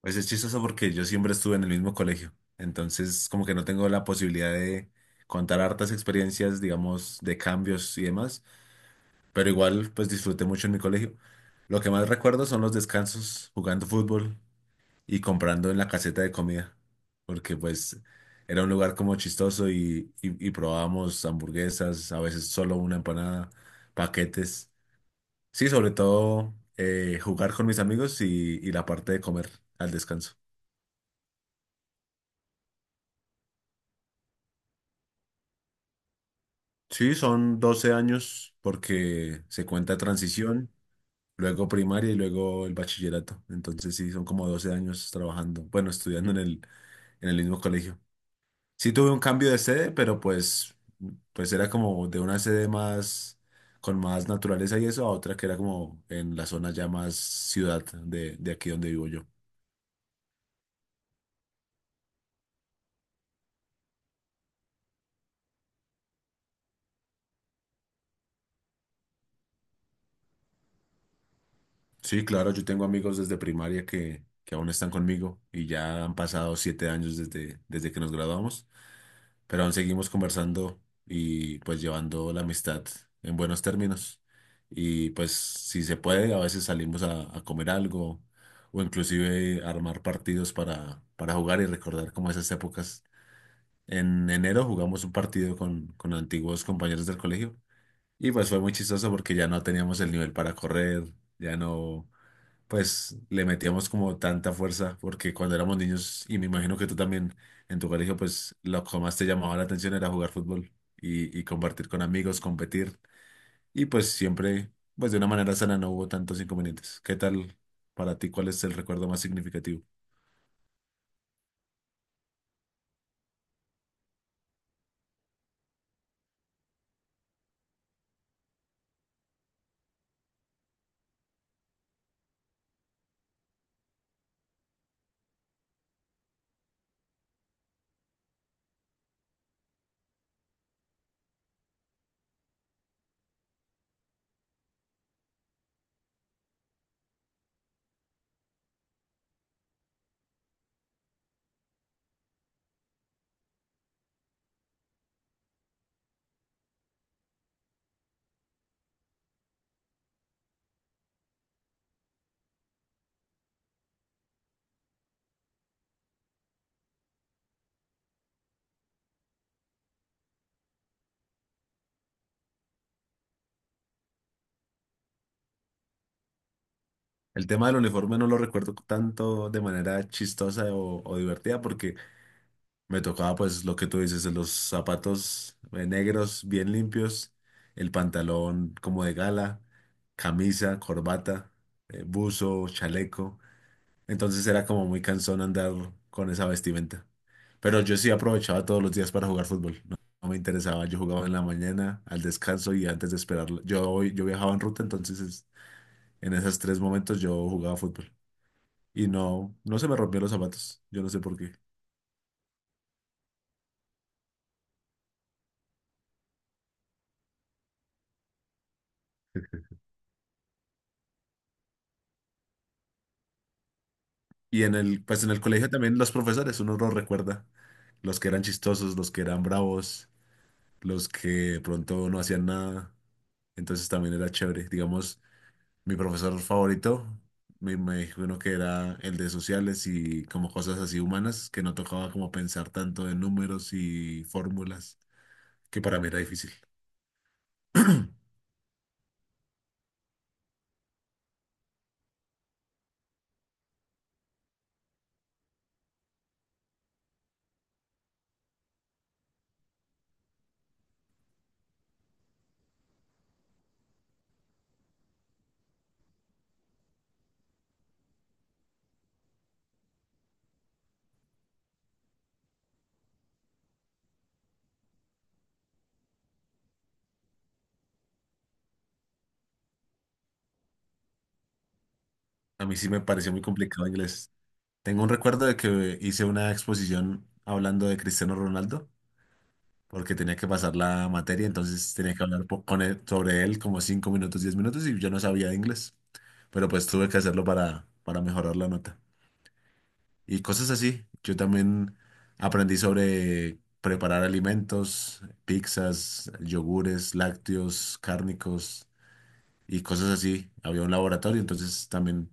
Pues es chistoso porque yo siempre estuve en el mismo colegio, entonces como que no tengo la posibilidad de contar hartas experiencias, digamos, de cambios y demás, pero igual pues disfruté mucho en mi colegio. Lo que más recuerdo son los descansos jugando fútbol y comprando en la caseta de comida, porque pues era un lugar como chistoso y probábamos hamburguesas, a veces solo una empanada, paquetes. Sí, sobre todo jugar con mis amigos y la parte de comer al descanso. Sí, son 12 años porque se cuenta transición, luego primaria y luego el bachillerato. Entonces sí, son como 12 años trabajando, bueno, estudiando en el mismo colegio. Sí tuve un cambio de sede, pero pues, pues era como de una sede más, con más naturaleza y eso, a otra que era como en la zona ya más ciudad de aquí donde vivo yo. Sí, claro, yo tengo amigos desde primaria que aún están conmigo y ya han pasado 7 años desde que nos graduamos, pero aún seguimos conversando y pues llevando la amistad en buenos términos. Y pues si se puede, a veces salimos a comer algo o inclusive armar partidos para jugar y recordar como esas épocas. En enero jugamos un partido con antiguos compañeros del colegio y pues fue muy chistoso porque ya no teníamos el nivel para correr, ya no pues le metíamos como tanta fuerza, porque cuando éramos niños, y me imagino que tú también en tu colegio, pues lo que más te llamaba la atención era jugar fútbol y compartir con amigos, competir, y pues siempre, pues de una manera sana no hubo tantos inconvenientes. ¿Qué tal para ti? ¿Cuál es el recuerdo más significativo? El tema del uniforme no lo recuerdo tanto de manera chistosa o divertida, porque me tocaba pues lo que tú dices, los zapatos negros bien limpios, el pantalón como de gala, camisa, corbata, buzo, chaleco. Entonces era como muy cansón andar con esa vestimenta. Pero yo sí aprovechaba todos los días para jugar fútbol. No, no me interesaba, yo jugaba en la mañana, al descanso y antes de esperar. Yo viajaba en ruta, en esos tres momentos yo jugaba fútbol. Y no, no se me rompieron los zapatos, yo no sé por qué. Y en el, pues en el colegio también los profesores, uno los recuerda, los que eran chistosos, los que eran bravos, los que de pronto no hacían nada. Entonces también era chévere. Digamos, mi profesor favorito, me dijo uno que era el de sociales y como cosas así humanas, que no tocaba como pensar tanto en números y fórmulas, que para mí era difícil. A mí sí me pareció muy complicado inglés. Tengo un recuerdo de que hice una exposición hablando de Cristiano Ronaldo porque tenía que pasar la materia, entonces tenía que con él, sobre él como 5 minutos, 10 minutos, y yo no sabía de inglés, pero pues tuve que hacerlo para mejorar la nota. Y cosas así. Yo también aprendí sobre preparar alimentos, pizzas, yogures, lácteos, cárnicos y cosas así. Había un laboratorio, entonces también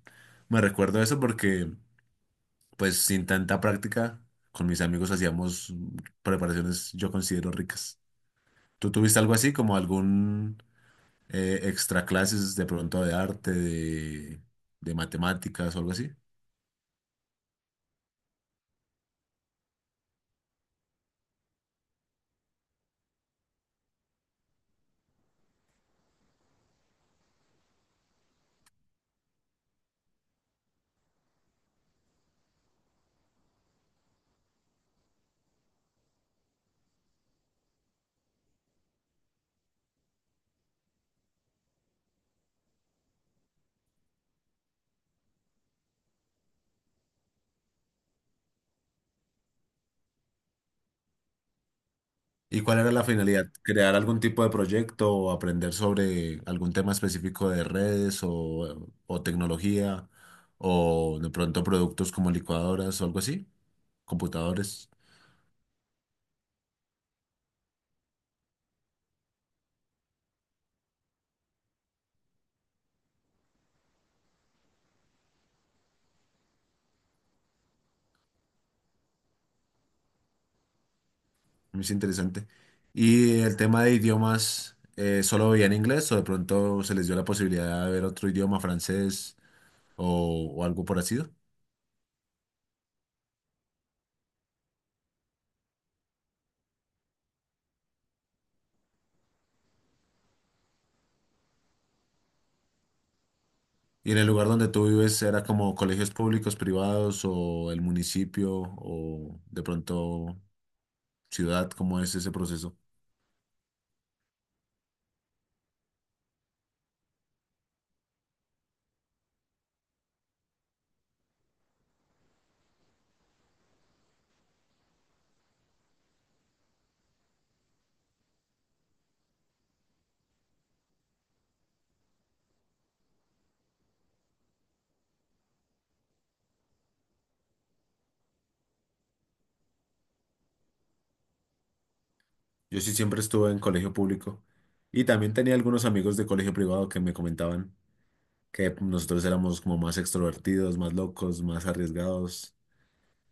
me recuerdo eso porque pues sin tanta práctica, con mis amigos hacíamos preparaciones yo considero ricas. ¿Tú tuviste algo así como algún extra clases de pronto de arte, de matemáticas o algo así? ¿Y cuál era la finalidad? ¿Crear algún tipo de proyecto o aprender sobre algún tema específico de redes o tecnología o de pronto productos como licuadoras o algo así? Computadores, es interesante. ¿Y el tema de idiomas, solo veían inglés o de pronto se les dio la posibilidad de ver otro idioma, francés o algo por así? ¿Y en el lugar donde tú vives era como colegios públicos, privados o el municipio o de pronto ciudad? ¿Cómo es ese proceso? Yo sí siempre estuve en colegio público y también tenía algunos amigos de colegio privado que me comentaban que nosotros éramos como más extrovertidos, más locos, más arriesgados,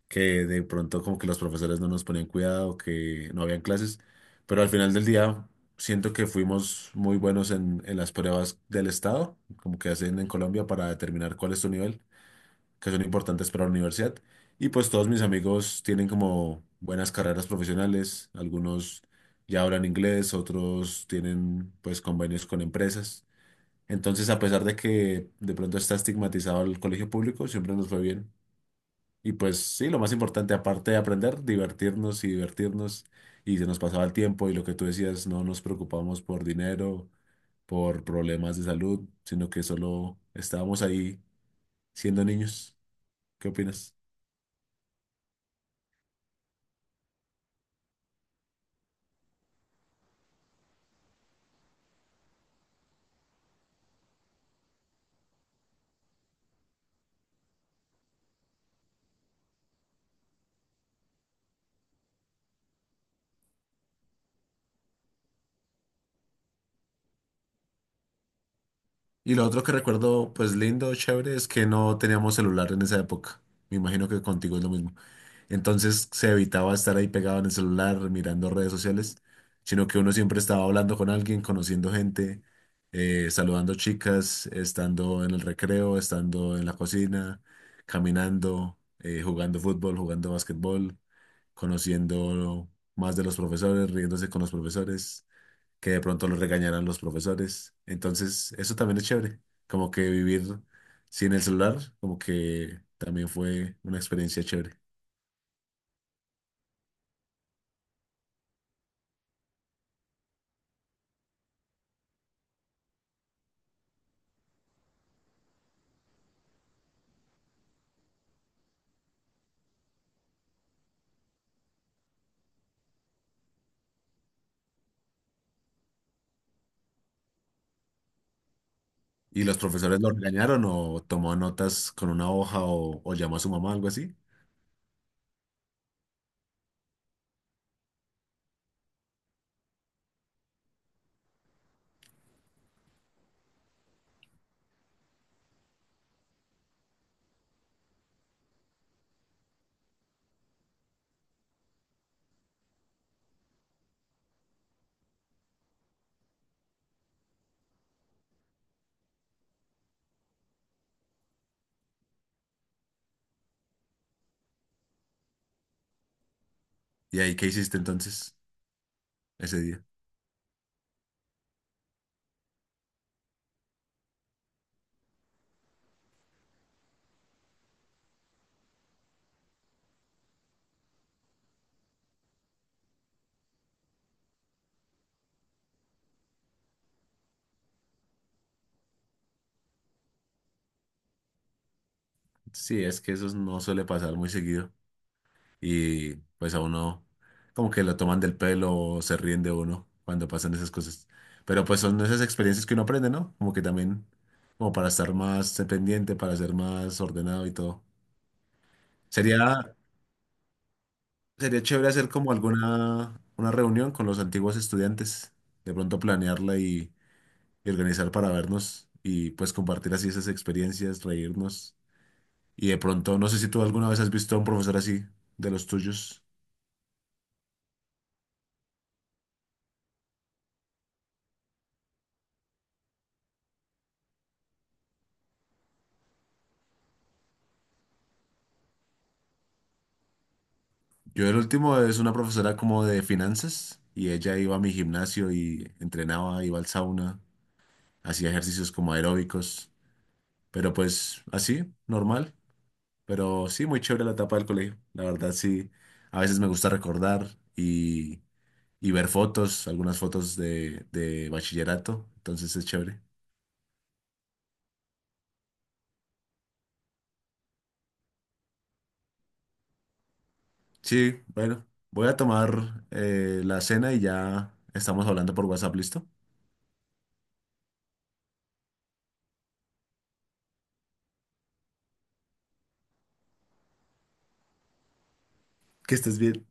que de pronto como que los profesores no nos ponían cuidado, que no habían clases, pero al final del día siento que fuimos muy buenos en las pruebas del Estado, como que hacen en Colombia para determinar cuál es tu nivel, que son importantes para la universidad. Y pues todos mis amigos tienen como buenas carreras profesionales, algunos ya hablan inglés, otros tienen pues convenios con empresas. Entonces, a pesar de que de pronto está estigmatizado el colegio público, siempre nos fue bien. Y pues sí, lo más importante, aparte de aprender, divertirnos y divertirnos. Y se nos pasaba el tiempo y lo que tú decías, no nos preocupamos por dinero, por problemas de salud, sino que solo estábamos ahí siendo niños. ¿Qué opinas? Y lo otro que recuerdo, pues lindo, chévere, es que no teníamos celular en esa época. Me imagino que contigo es lo mismo. Entonces se evitaba estar ahí pegado en el celular, mirando redes sociales, sino que uno siempre estaba hablando con alguien, conociendo gente, saludando chicas, estando en el recreo, estando en la cocina, caminando, jugando fútbol, jugando básquetbol, conociendo más de los profesores, riéndose con los profesores, que de pronto los regañaran los profesores. Entonces, eso también es chévere, como que vivir sin el celular, como que también fue una experiencia chévere. ¿Y los profesores lo regañaron o tomó notas con una hoja o llamó a su mamá, algo así? ¿Y ahí qué hiciste entonces ese día? Sí, es que eso no suele pasar muy seguido y pues a uno como que lo toman del pelo o se ríen de uno cuando pasan esas cosas. Pero pues son esas experiencias que uno aprende, ¿no? Como que también, como para estar más pendiente, para ser más ordenado y todo. Sería, sería chévere hacer como alguna una reunión con los antiguos estudiantes, de pronto planearla y organizar para vernos y pues compartir así esas experiencias, reírnos. Y de pronto, no sé si tú alguna vez has visto a un profesor así, de los tuyos. Yo el último es una profesora como de finanzas y ella iba a mi gimnasio y entrenaba, iba al sauna, hacía ejercicios como aeróbicos, pero pues así, normal. Pero sí, muy chévere la etapa del colegio. La verdad sí, a veces me gusta recordar y, y ver fotos, algunas fotos de bachillerato, entonces es chévere. Sí, bueno, voy a tomar la cena y ya estamos hablando por WhatsApp, ¿listo? Que estés bien.